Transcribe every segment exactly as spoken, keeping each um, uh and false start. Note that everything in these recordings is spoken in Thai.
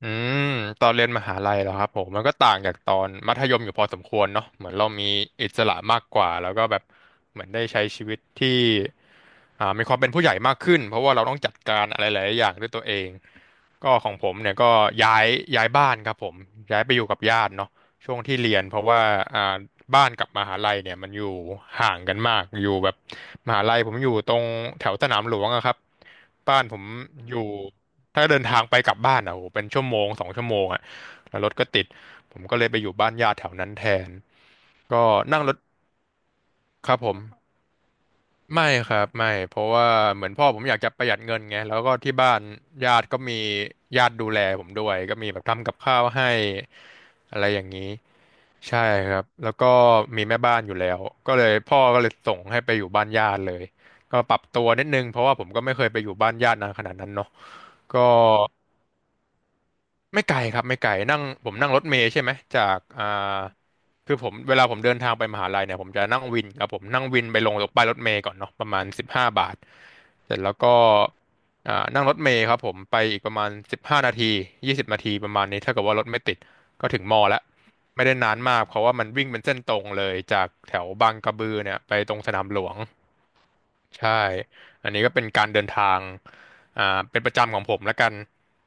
อืมตอนเรียนมหาลัยเหรอครับผมมันก็ต่างจากตอนมัธยมอยู่พอสมควรเนาะเหมือนเรามีอิสระมากกว่าแล้วก็แบบเหมือนได้ใช้ชีวิตที่อ่ามีความเป็นผู้ใหญ่มากขึ้นเพราะว่าเราต้องจัดการอะไรหลายๆอย่างด้วยตัวเองก็ของผมเนี่ยก็ย้ายย้ายบ้านครับผมย้ายไปอยู่กับญาติเนาะ ช่วงที่เรียนเพราะว่าอ่าบ้านกับมหาลัยเนี่ยมันอยู่ห่างกันมากอยู่แบบมหาลัยผมอยู่ตรงแถวสนามหลวงอะครับบ้านผมอยู่ถ้าเดินทางไปกลับบ้านอะโอ้โหเป็นชั่วโมงสองชั่วโมงอะแล้วรถก็ติดผมก็เลยไปอยู่บ้านญาติแถวนั้นแทนก็นั่งรถครับผม ไม่ครับไม่เพราะว่าเหมือนพ่อผมอยากจะประหยัดเงินไงแล้วก็ที่บ้านญาติก็มีญาติดูแลผมด้วยก็มีแบบทำกับข้าวให้อะไรอย่างนี้ใช่ครับแล้วก็มีแม่บ้านอยู่แล้วก็เลยพ่อก็เลยส่งให้ไปอยู่บ้านญาติเลยก็ปรับตัวนิดนึงเพราะว่าผมก็ไม่เคยไปอยู่บ้านญาตินานขนาดนั้นเนาะก็ ไม่ไกลครับไม่ไกลนั่งผมนั่งรถเมล์ใช่ไหมจากอ่าคือผมเวลาผมเดินทางไปมหาลัยเนี่ยผมจะนั่งวินครับผมนั่งวินไปลงตรงป้ายรถเมล์ก่อนเนาะประมาณสิบห้าบาทเสร็จแล้วก็อ่านั่งรถเมล์ครับผมไปอีกประมาณสิบห้านาทียี่สิบนาทีประมาณนี้ถ้าเกิดว่ารถไม่ติดก็ถึงมอแล้วไม่ได้นานมากเพราะว่ามันวิ่งเป็นเส้นตรงเลยจากแถวบางกระบือเนี่ยไปตรงสนามหลวง ใช่ อันนี้ก็เป็นการเดินทางอ่าเป็นประจำของผมแล้วกัน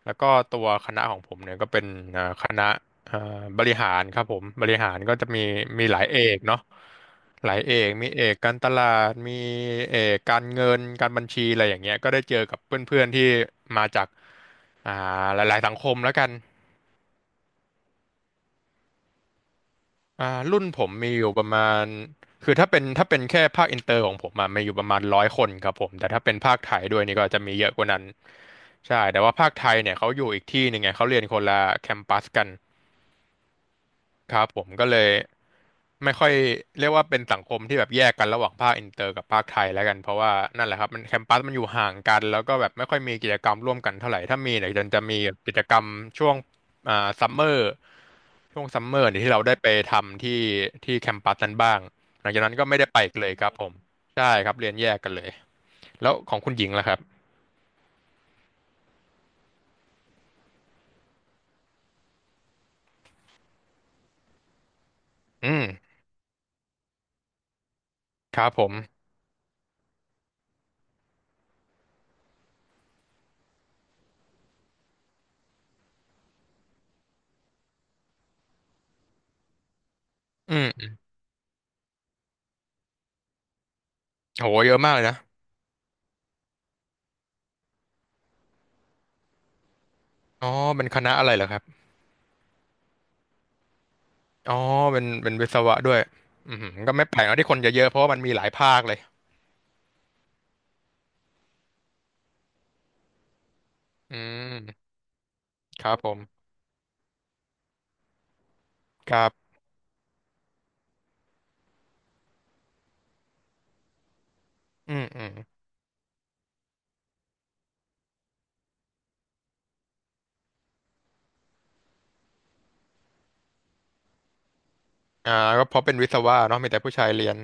แล้วก็ตัวคณะของผมเนี่ยก็เป็นอ่าคณะอ่าบริหารครับผม บริหารก็จะมีมีหลายเอกเนาะหลายเอกมีเอกการตลาดมีเอกการเงินการบัญชีอะไรอย่างเงี้ยก็ได้เจอกับเพื่อนๆที่มาจากอ่าหลายๆสังคมแล้วกัน อ่ารุ่นผมมีอยู่ประมาณคือถ้าเป็นถ้าเป็นแค่ภาคอินเตอร์ของผมอะมีอยู่ประมาณร้อยคนครับผมแต่ถ้าเป็นภาคไทยด้วยนี่ก็จะมีเยอะกว่านั้นใช่แต่ว่าภาคไทยเนี่ยเขาอยู่อีกที่หนึ่งไงเขาเรียนคนละแคมปัสกัน ครับผมก็เลยไม่ค่อยเรียกว่าเป็นสังคมที่แบบแยกกันระหว่างภาคอินเตอร์กับภาคไทยแล้วกันเพราะว่านั่นแหละครับมันแคมปัสมันอยู่ห่างกันแล้วก็แบบไม่ค่อยมีกิจกรรมร่วมกันเท่าไหร่ถ้ามีเนี่ยจะจะมีกิจกรรมช่วงอ่าซัมเมอร์ช่วงซัมเมอร์เนี่ยที่เราได้ไปทำที่ที่แคมปัสนั้นบ้างหลังจากนั้นก็ไม่ได้ไปอีกเลยครับผมใช่ครับเรียนแยกกันเลยแล้วของคุณหญิงล่ะครับอืมครับผมอืมโหเยอะมากเลยนะอ๋อเป็นคณะอะไรเหรอครับ อ๋อเป็นเป็นวิศวะด้วยอืมก็ไม่แปลกเนอะที่คนเยอะๆเพราะว่ามันมีหลายภาคเลยอืมครับผมครับอืมอืมอ่าก็เพราะเป็นวิศวะเนาะมีแต่ผู้ชายเรียน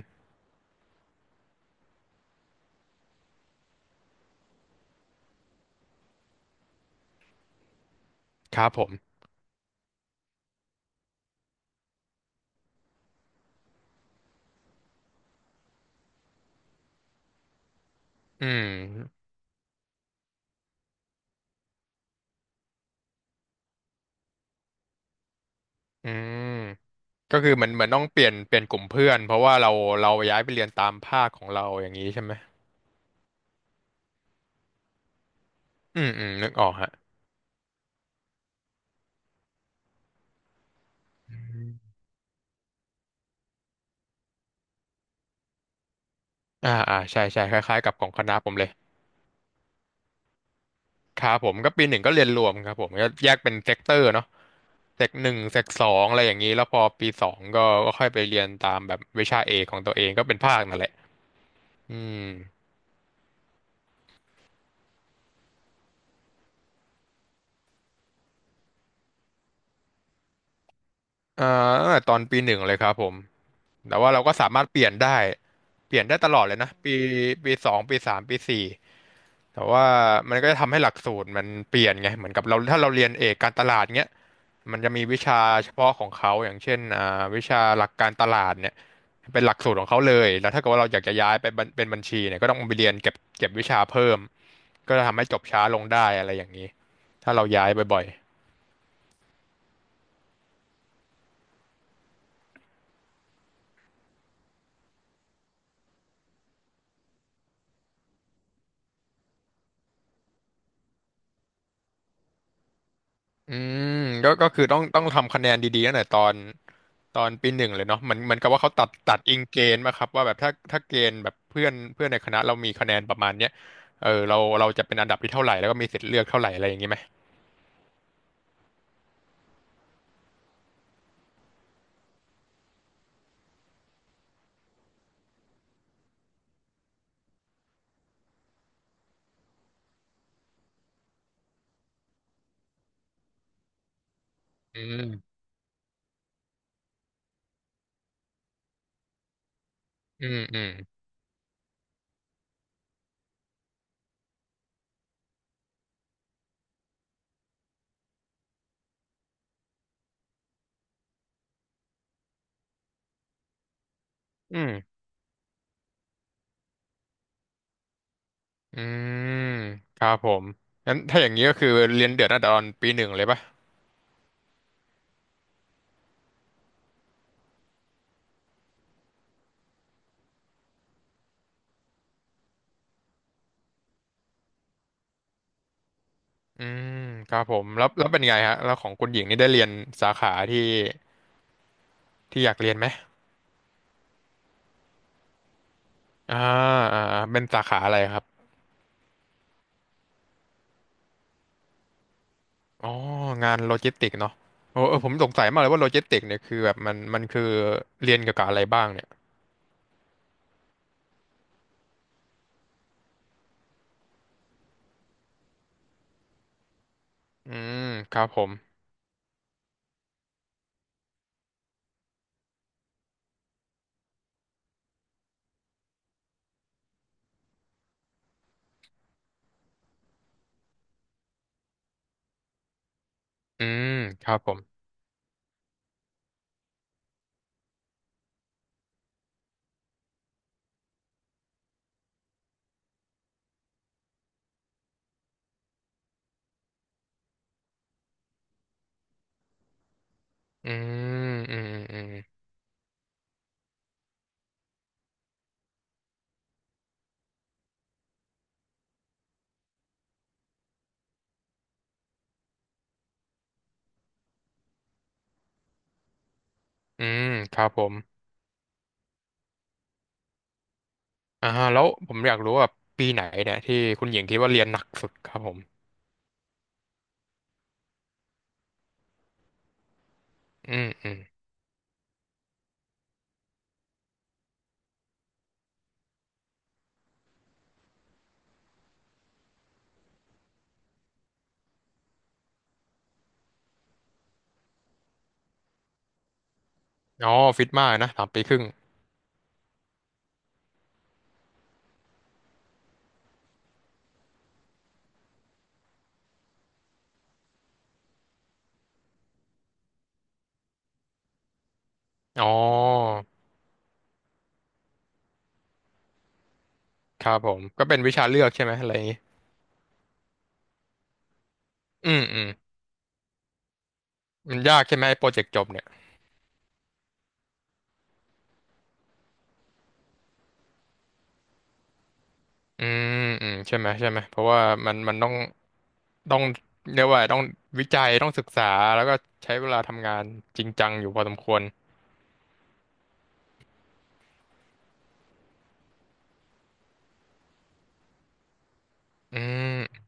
ครับผมอืมอืมก็คือเหมือนเหมือนต้องเปลี่ยนเปลี่ยนกลุ่มเพื่อนเพราะว่าเราเราย้ายไปเรียนตามภาคของเราอย่างนี้ใช่ไหมอืมอืมนึกออกฮะอ่าอ่าใช่ใช่คล้ายๆกับของคณะผมเลยครับผมก็ปีหนึ่งก็เรียนรวมครับผมก็แยกเป็นเซกเตอร์เนาะ เซกหนึ่งเซกสองอะไรอย่างนี้แล้วพอปีสองก็ก็ค่อยไปเรียนตามแบบวิชาเอกของตัวเองก็เป็นภาคนั่นแหละอืมอ่าตั้งแต่ตอนปีหนึ่งเลยครับผม แต่ว่าเราก็สามารถเปลี่ยนได้ เปลี่ยนได้ตลอดเลยนะปีปีสองปีสามปีสี่ แต่ว่ามันก็จะทำให้หลักสูตรมันเปลี่ยนไงเหมือนกับเราถ้าเราเรียนเอกการตลาดเงี้ยมันจะมีวิชาเฉพาะของเขาอย่างเช่นอ่าวิชาหลักการตลาดเนี่ยเป็นหลักสูตรของเขาเลยแล้วถ้าเกิดว่าเราอยากจะย้ายไปบัญเป็นบัญชีเนี่ยก็ต้องไปเรียนเก็บเก็บวิชาเพิ่มก็จะทำให้จบช้าลงได้อะไรอย่างนี้ถ้าเราย้ายบ่อยๆ อืมก็ก็คือต้องต้องทำคะแนนดีๆตั้งแต่ตอนตอนปีหนึ่งเลยเนาะเหมือนเหมือนกับว่าเขาตัดตัดอิงเกณฑ์มาครับว่าแบบถ้าถ้าเกณฑ์แบบเพื่อนเพื่อนในคณะเรามีคะแนนประมาณเนี้ยเออเราเราจะเป็นอันดับที่เท่าไหร่แล้วก็มีสิทธิ์เลือกเท่าไหร่อะไรอย่างงี้ไหมอืมอืมอืมอืมอืมครับผมงั้นถ้าอย่างนี้ก็คือเรียนเดือดตั้งแต่ตอนปีหนึ่งเลยปะอืมครับผมแล้วแล้วเป็นไงฮะแล้วของคุณหญิงนี่ได้เรียนสาขาที่ที่อยากเรียนไหมอ่าอ่าอ่าเป็นสาขาอะไรครับ อ๋องานโลจิสติกเนาะโอ้เออผมสงสัยมากเลยว่าโลจิสติกเนี่ยคือแบบมันมันคือเรียนเกี่ยวกับอะไรบ้างเนี่ยอืมครับผมอืมครับผมอืมอืมอืมอืมครับผมอ่าฮะแล้วผมอยากรู้ว่าปีไหนเนี่ยที่คุณหญิงคิดว่าเรียนหนักสุดครับผมอืมอืมอ๋อฟิตมากนะสามปีครึ่งอ๋อครับผมก็เป็นวิชาเลือกใช่ไหมอะไรอย่างงี้อืมอืมมันยากใช่ไหมโปรเจกต์จบเนี่ย อืมอืมใช่ไหมใช่ไหมเพราะว่ามันมันต้องต้องเรียกว่าต้องวิจัยต้องศึกษาแล้วก็ใช้เวลาทำงานจริงจังอยู่พอสมควรอืม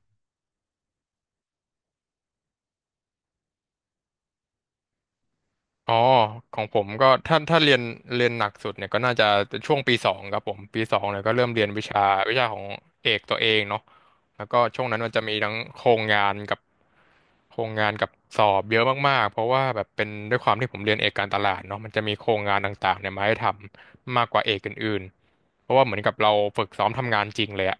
อ๋อของผมก็ถ้าถ้าเรียนเรียนหนักสุดเนี่ยก็น่าจะเป็นช่วงปีสองครับผมปีสองเนี่ยก็เริ่มเรียนวิชาวิชาของเอกตัวเองเนาะแล้วก็ช่วงนั้นมันจะมีทั้งโครงงานกับโครงงานกับสอบเยอะมากๆเพราะว่าแบบเป็นด้วยความที่ผมเรียนเอกการตลาดเนาะมันจะมีโครงงานต่างๆเนี่ยมาให้ทำมากกว่าเอกอื่นๆเพราะว่าเหมือนกับเราฝึกซ้อมทำงานจริงเลยอะ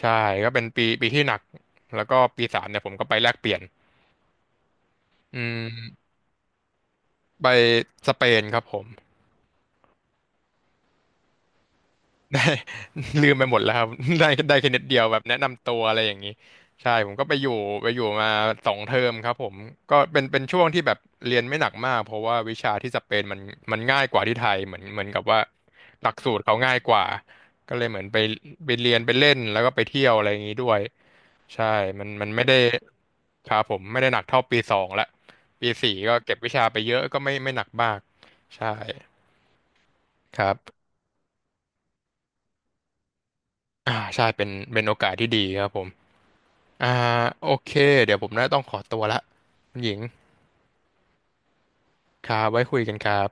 ใช่ก็เป็นปีปีที่หนักแล้วก็ปีสามเนี่ยผมก็ไปแลกเปลี่ยนอืมไปสเปนครับผม ได้ ลืมไปหมดแล้วครับ ได้ได้แค่นิดเดียวแบบแนะนำตัวอะไรอย่างนี้ใช่ผมก็ไปอยู่ไปอยู่มาสองเทอมครับผมก็เป็นเป็นช่วงที่แบบเรียนไม่หนักมากเพราะว่าวิชาที่สเปนมันมันง่ายกว่าที่ไทยเหมือนเหมือนกับว่าหลักสูตรเขาง่ายกว่าก็เลยเหมือนไปไปเรียนไปเล่นแล้วก็ไปเที่ยวอะไรอย่างนี้ด้วยใช่มันมันไม่ได้ครับผมไม่ได้หนักเท่าปีสองละปีสี่ก็เก็บวิชาไปเยอะก็ไม่ไม่หนักมากใช่ครับอ่าใช่เป็นเป็นโอกาสที่ดีครับผม อ่าโอเคเดี๋ยวผมน่าต้องขอตัวละคุณหญิงครับไว้คุยกันครับ